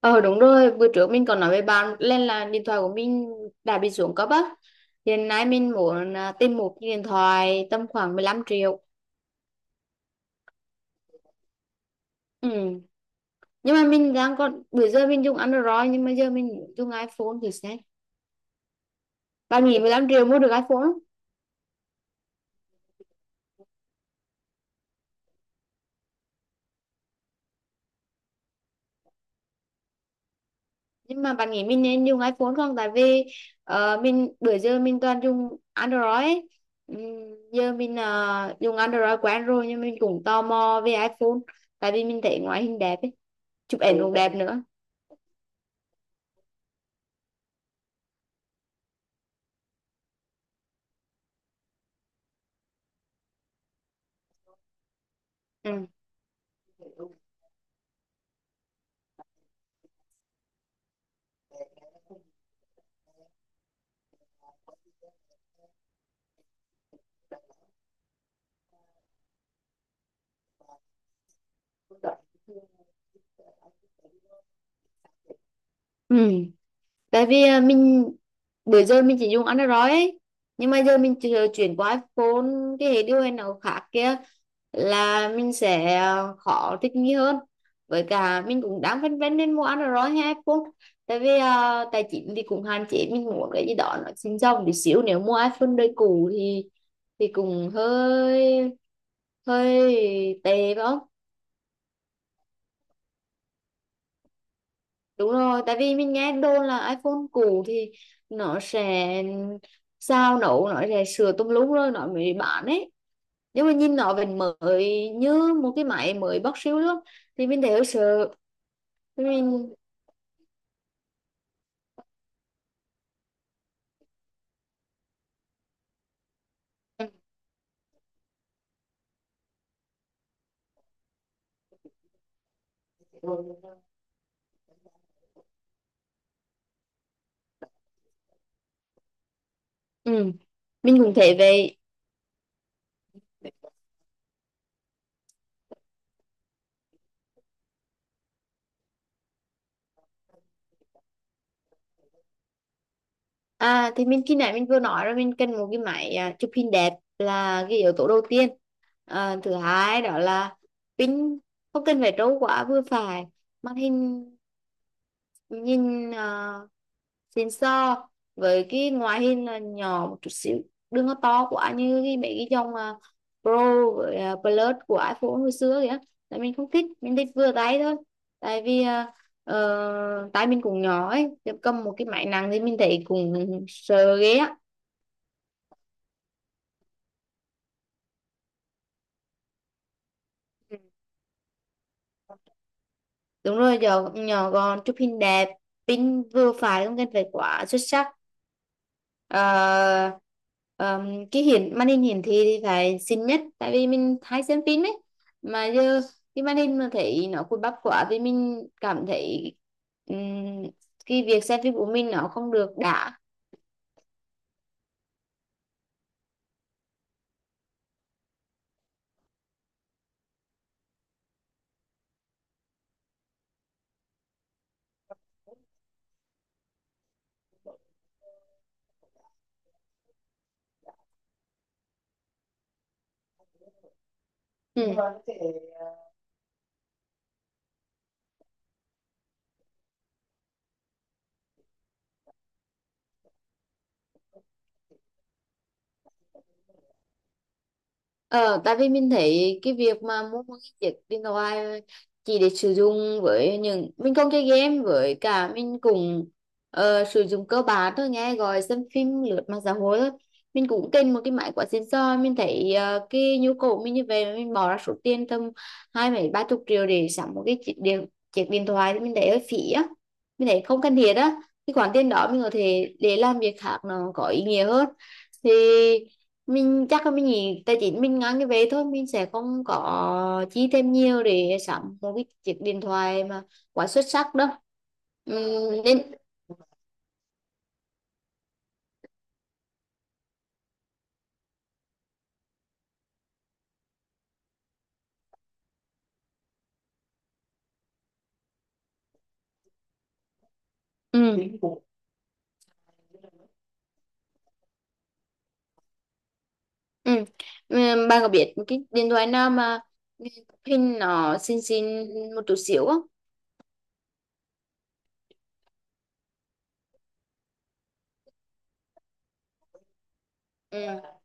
Ờ đúng rồi, bữa trước mình còn nói với bạn lên là điện thoại của mình đã bị xuống cấp á. Hiện nay mình muốn tìm một cái điện thoại tầm khoảng 15 triệu. Ừ. Nhưng mà mình đang còn bữa giờ mình dùng Android, nhưng mà giờ mình muốn dùng iPhone thì sẽ. Bạn nghĩ 15 triệu mua được iPhone không? Nhưng mà bạn nghĩ mình nên dùng iPhone không? Tại vì mình bữa giờ mình toàn dùng Android ấy. Ừ, giờ mình dùng Android quen rồi, nhưng mình cũng tò mò về iPhone tại vì mình thấy ngoại hình đẹp ấy. Chụp ảnh cũng đẹp nữa. Ừ, ừ, tại vì mình bữa giờ mình chỉ dùng Android ấy, nhưng mà giờ mình chuyển qua iPhone, cái hệ điều hành nào khác kia là mình sẽ khó thích nghi hơn. Với cả mình cũng đang phân vân nên mua Android hay iPhone, tại vì tài chính thì cũng hạn chế. Mình muốn cái gì đó nó xinh xông tí xíu, nếu mua iPhone đời cũ thì cũng hơi hơi tệ phải không? Đúng rồi, tại vì mình nghe đồn là iPhone cũ thì nó sẽ sao nổ, nó sẽ sửa tùm lum rồi nó mới bán ấy. Nhưng mà nhìn nó vẫn mới như một cái máy mới bóc siêu luôn. Thì mình thấy hơi sợ. Thì Mình Ừ, mình cũng thấy vậy. À thì mình khi nãy mình vừa nói rồi, mình cần một cái máy chụp hình đẹp là cái yếu tố đầu tiên. À, thứ hai đó là pin không cần phải trâu quá, vừa phải. Màn hình nhìn xịn, so với cái ngoại hình là nhỏ một chút xíu, đừng có to quá như cái mấy cái dòng Pro với Plus của iPhone hồi xưa kìa. Tại mình không thích, mình thích vừa tay thôi, tại vì tay mình cũng nhỏ ấy, chứ cầm một cái máy nặng thì mình thấy cũng sợ ghê á. Ừ. Đúng rồi, nhỏ gọn, chụp hình đẹp, pin vừa phải, không cần phải quá xuất sắc. Ờ, cái màn hình hiển thị thì phải xinh nhất, tại vì mình hay xem phim ấy, mà giờ cái màn hình mà thấy nó cùi bắp quá thì mình cảm thấy ừm, cái việc xem phim của mình nó không được đã. Ừ. Ờ, tại vì mình thấy cái việc mà mua một cái chiếc điện thoại chỉ để sử dụng, với những mình không chơi game, với cả mình cũng sử dụng cơ bản thôi, nghe gọi, xem phim, lướt mạng xã hội thôi. Mình cũng cần một cái máy quá xịn sò. Mình thấy cái nhu cầu mình như vậy mà mình bỏ ra số tiền tầm hai mấy ba chục triệu để sắm một cái chiếc điện thoại thì mình thấy hơi phí á, mình thấy không cần thiết á. Cái khoản tiền đó mình có thể để làm việc khác nó có ý nghĩa hơn. Thì mình chắc là mình nghĩ tài chính mình ngang cái về thôi, mình sẽ không có chi thêm nhiều để sắm một cái chiếc điện thoại mà quá xuất sắc đâu. Nên ừ. Ừ. Bạn có biết cái điện thoại nào mà hình nó xinh xinh một chút xíu không? Ừ.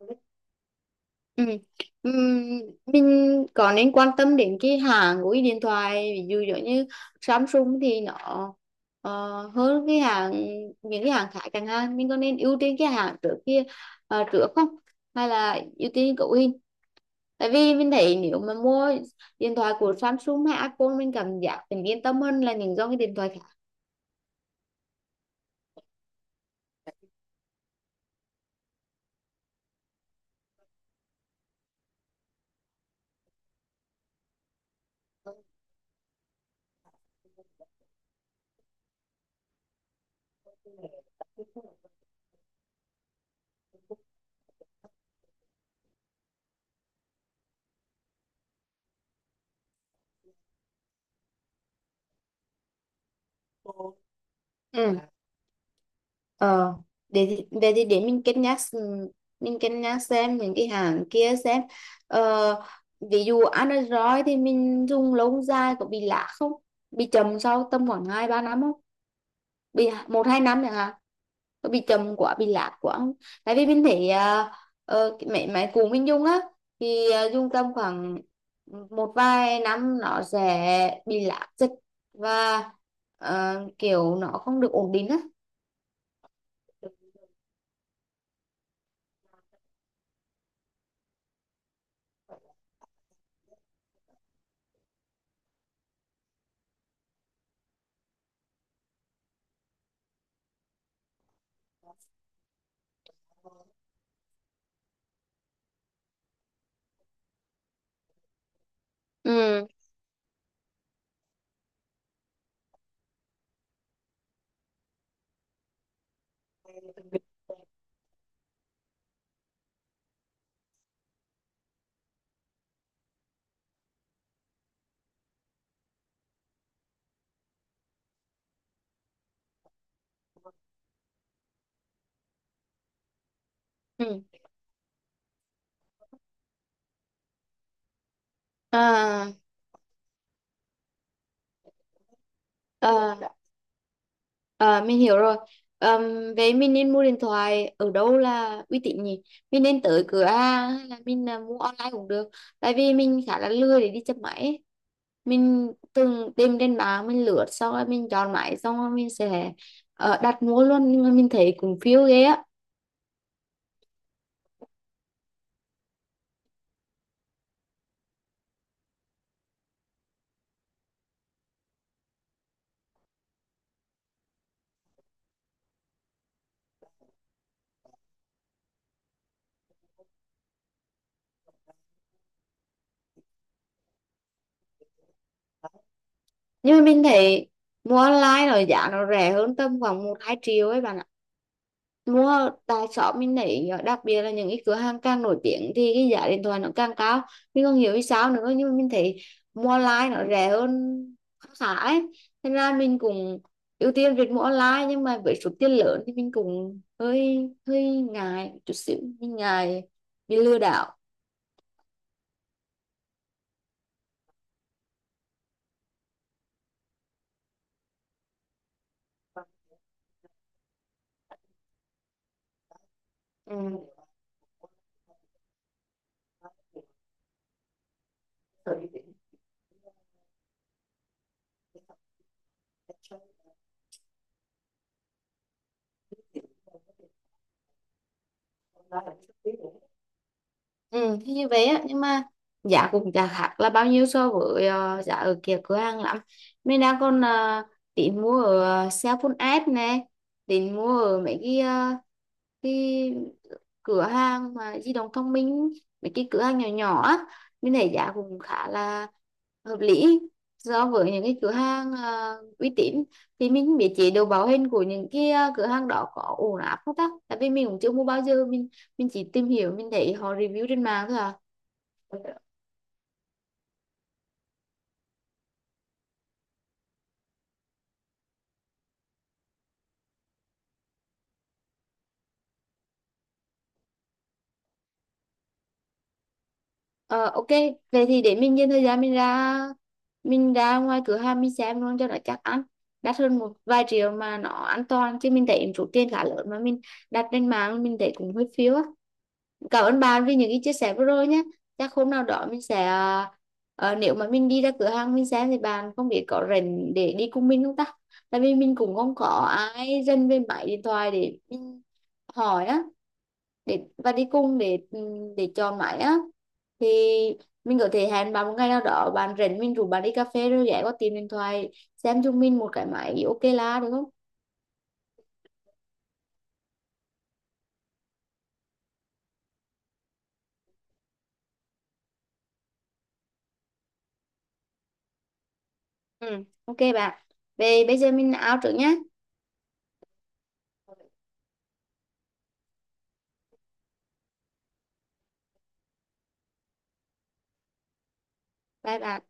Ừ. Ừ. Ừm, mình có nên quan tâm đến cái hãng của cái điện thoại, ví dụ giống như Samsung thì nó ờ, hơn cái hãng, những cái hãng khác chẳng hạn. Mình có nên ưu tiên cái hãng trước kia, trước không, hay là ưu tiên cậu hình? Tại vì mình thấy nếu mà mua điện thoại của Samsung hay Apple mình cảm giác mình yên tâm hơn là những dòng cái điện thoại khác. Ừ. Ờ, để mình cân nhắc, mình cân nhắc xem những cái hàng kia xem. ờ, Ví dụ Android thì mình dùng lâu dài có bị lạ không, bị chậm sau tầm khoảng 2-3 năm không, bị 1-2 năm chẳng hạn, có bị chậm quá, bị lạ quá không? Tại vì mình thấy cái máy máy cũ mình dùng á, thì dùng tầm khoảng một vài năm nó sẽ bị lạ dịch và kiểu nó không được ổn định á. Ừ. Ừ. À, à, mình hiểu rồi. Vậy mình nên mua điện thoại ở đâu là uy tín nhỉ? Mình nên tới cửa hàng hay là mình mua online cũng được. Tại vì mình khá là lười để đi chập máy ấy. Mình từng tìm trên mạng, mình lướt xong rồi mình chọn máy xong rồi mình sẽ đặt mua luôn, nhưng mà mình thấy cũng phiêu ghê á. Nhưng mà mình thấy mua online rồi giá nó rẻ hơn tầm khoảng 1-2 triệu ấy bạn ạ. Đúng rồi, tại shop mình thấy đặc biệt là những cái cửa hàng càng nổi tiếng thì cái giá điện thoại nó càng cao. Mình không hiểu vì sao nữa, nhưng mà mình thấy mua online nó rẻ hơn khá khá ấy, nên là mình cũng ưu tiên việc mua online. Nhưng mà với số tiền lớn thì mình cũng hơi hơi ngại chút xíu, mình ngại bị lừa đảo. Ừ. Ừ, thì như vậy á, nhưng mà giá cũng chả khác là bao nhiêu so với giá ở kia cửa hàng lắm. Mình đang còn tính mua ở Sephora app nè, tính mua ở mấy cái, cái cửa hàng mà di động thông minh, mấy cái cửa hàng nhỏ nhỏ á, mình thấy giá cũng khá là hợp lý so với những cái cửa hàng uy tín. Thì mình không biết chế độ bảo hành của những cái cửa hàng đó có ổn áp không ta, tại vì mình cũng chưa mua bao giờ, mình chỉ tìm hiểu, mình thấy họ review trên mạng thôi à. Ờ ok, vậy thì để mình dành thời gian, mình ra ngoài cửa hàng mình xem luôn cho nó chắc ăn. Đắt hơn một vài triệu mà nó an toàn, chứ mình thấy số tiền khá lớn mà mình đặt trên mạng mình thấy cũng hơi phiếu á. Cảm ơn bạn vì những cái chia sẻ vừa rồi nhé. Chắc hôm nào đó mình sẽ nếu mà mình đi ra cửa hàng mình xem thì bạn không biết có rảnh để đi cùng mình không ta? Tại vì mình cũng không có ai rảnh về máy điện thoại để mình hỏi á, để và đi cùng để để chọn máy á, thì mình có thể hẹn bạn một ngày nào đó bạn rảnh, mình rủ bạn đi cà phê rồi ghé qua tìm điện thoại xem chúng mình một cái máy ok là được không? Ừ. Ok bạn, về bây giờ mình out trước nhé. Bye bye.